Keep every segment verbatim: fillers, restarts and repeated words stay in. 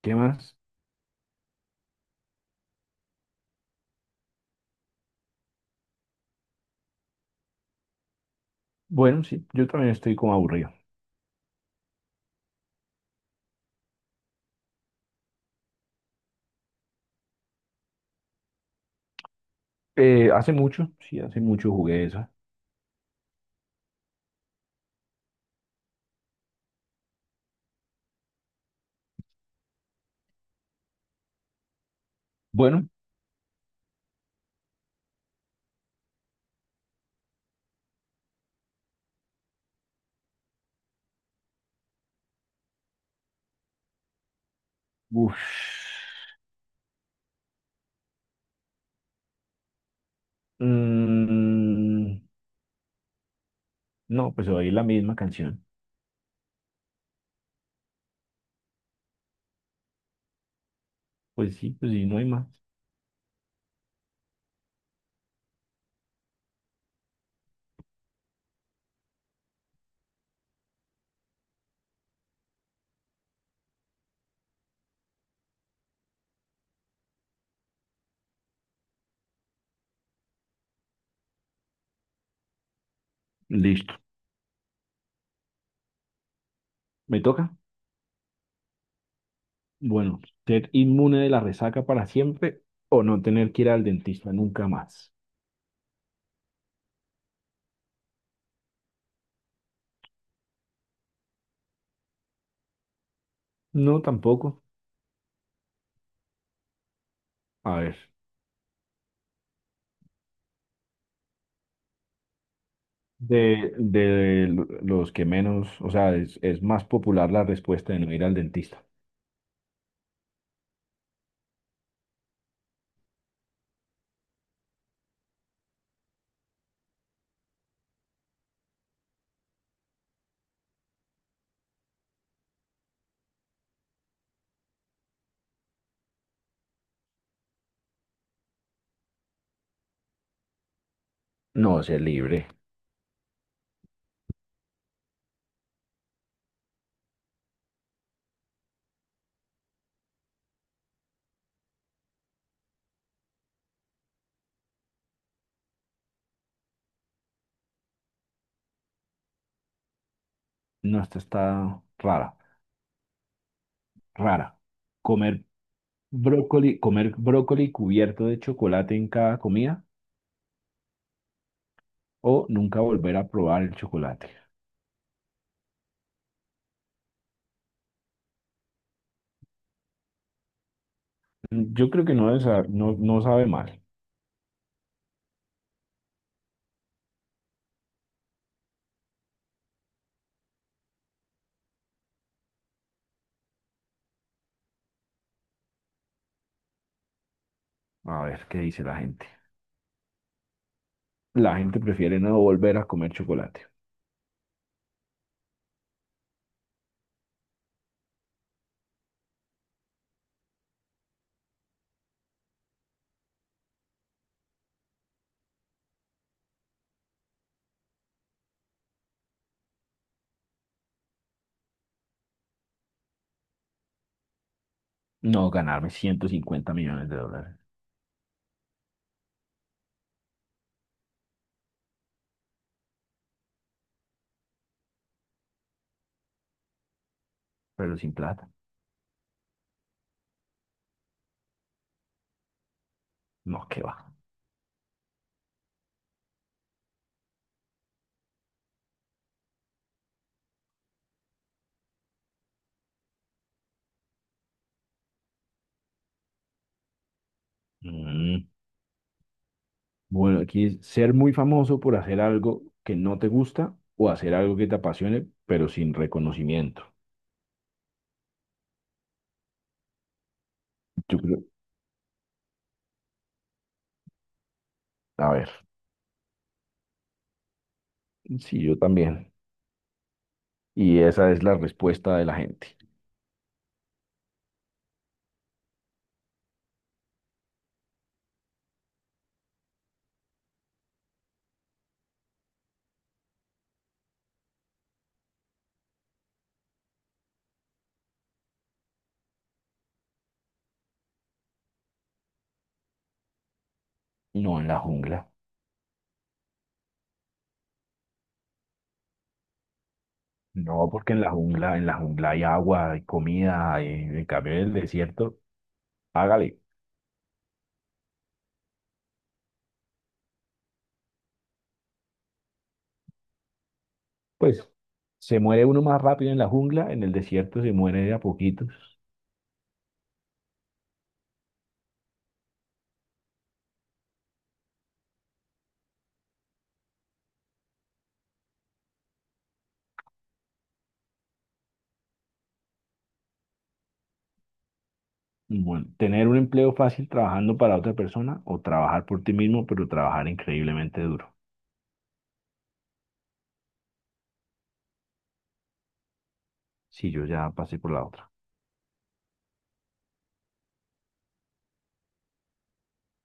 ¿Qué más? Bueno, sí, yo también estoy como aburrido. Eh, hace mucho, sí, hace mucho jugué esa. Bueno, uff. Mm, no, pues oí la misma canción. Pues sí, pues sí, no hay más. Listo. ¿Me toca? Bueno, ser inmune de la resaca para siempre o no tener que ir al dentista nunca más. No, tampoco. A ver, de, de los que menos, o sea, es, es más popular la respuesta de no ir al dentista. No, sé libre. No, esta está rara, rara. Comer brócoli, comer brócoli cubierto de chocolate en cada comida o nunca volver a probar el chocolate. Yo creo que no, debe sa- no, no sabe mal. A ver qué dice la gente. La gente prefiere no volver a comer chocolate. No ganarme ciento cincuenta millones de dólares, pero sin plata. No, qué va. Mm. Bueno, aquí es ser muy famoso por hacer algo que no te gusta o hacer algo que te apasione, pero sin reconocimiento. Yo creo, a ver, sí, yo también. Y esa es la respuesta de la gente. No, en la jungla. No, porque en la jungla, en la jungla hay agua, hay comida, hay, en cambio en el desierto, hágale. Pues se muere uno más rápido en la jungla, en el desierto se muere de a poquitos. Bueno, tener un empleo fácil trabajando para otra persona o trabajar por ti mismo, pero trabajar increíblemente duro. Si yo ya pasé por la otra.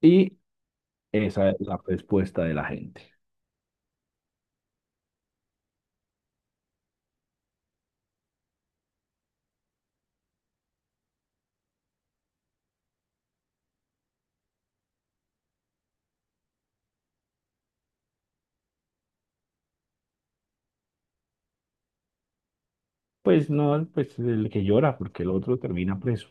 Y esa es la respuesta de la gente. Pues no, pues el que llora, porque el otro termina preso.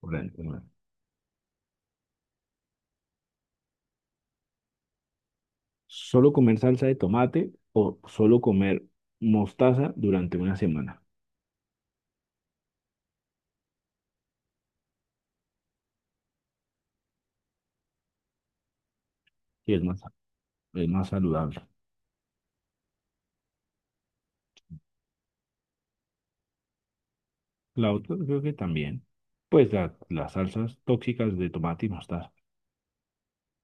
por el- por el- Solo comer salsa de tomate o solo comer mostaza durante una semana. Y es más, es más saludable. La otra creo que también. Pues la- las salsas tóxicas de tomate y mostaza.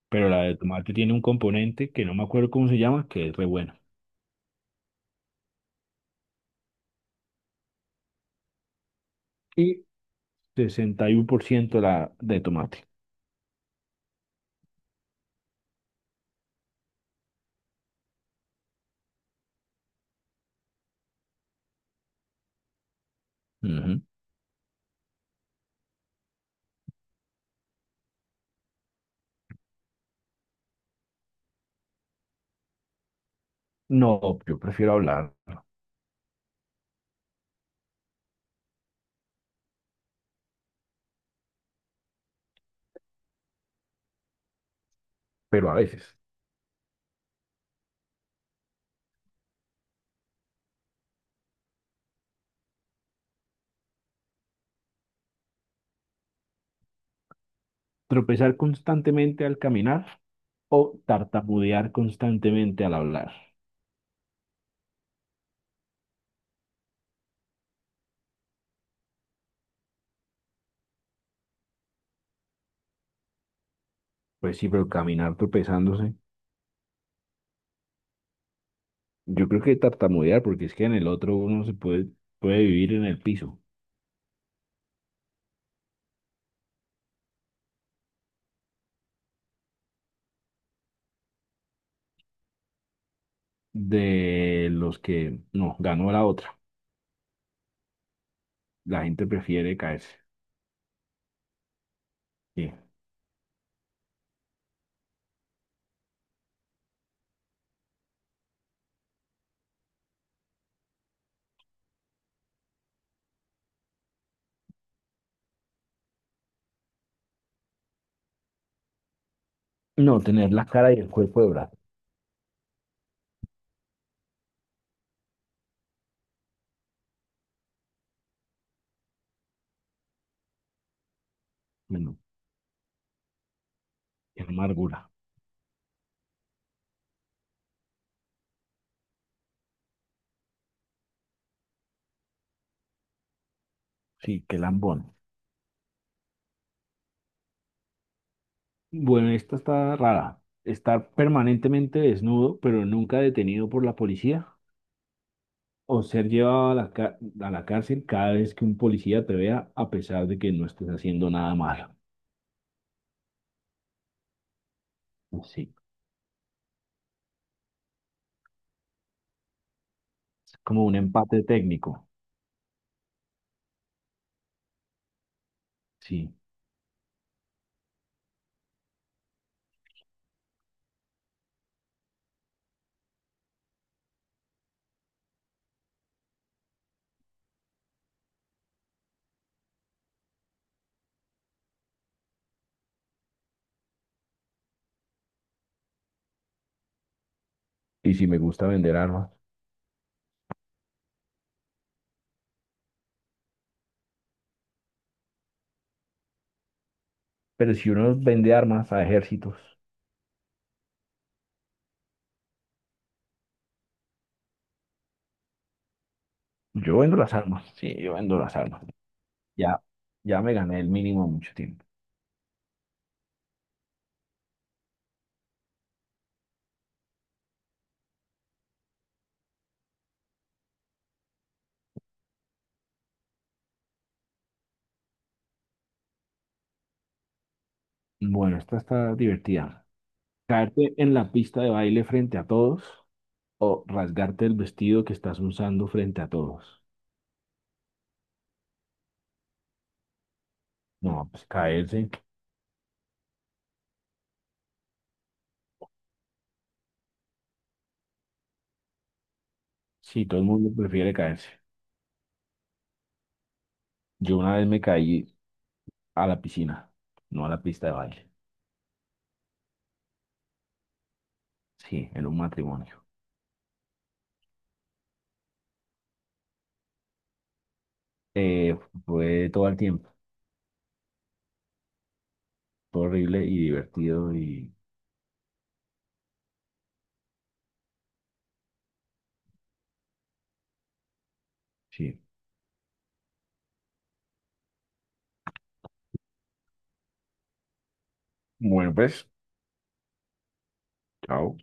Pero la de tomate tiene un componente que no me acuerdo cómo se llama, que es re bueno. Y sesenta y uno por ciento la de tomate. Ujú. No, yo prefiero hablar. Pero a veces. Tropezar constantemente al caminar o tartamudear constantemente al hablar. Pues sí, pero caminar tropezándose. Yo creo que tartamudear, porque es que en el otro uno se puede, puede vivir en el piso. De los que no, ganó la otra. La gente prefiere caerse. Sí. No, tener la cara y el cuerpo de brazo. Bueno, qué amargura. Sí, qué lambón. Bueno, esta está rara. Estar permanentemente desnudo, pero nunca detenido por la policía. O ser llevado a la, ca- a la cárcel cada vez que un policía te vea, a pesar de que no estés haciendo nada malo. Sí, es como un empate técnico. Sí. Y si me gusta vender armas. Pero si uno vende armas a ejércitos, yo vendo las armas. Sí, yo vendo las armas. Ya, ya me gané el mínimo mucho tiempo. Bueno, esta está divertida. Caerte en la pista de baile frente a todos o rasgarte el vestido que estás usando frente a todos. No, pues caerse. Sí, todo el mundo prefiere caerse. Yo una vez me caí a la piscina, no a la pista de baile, sí, en un matrimonio. Eh, fue todo el tiempo, fue horrible y divertido y sí. Bueno, pues, chao.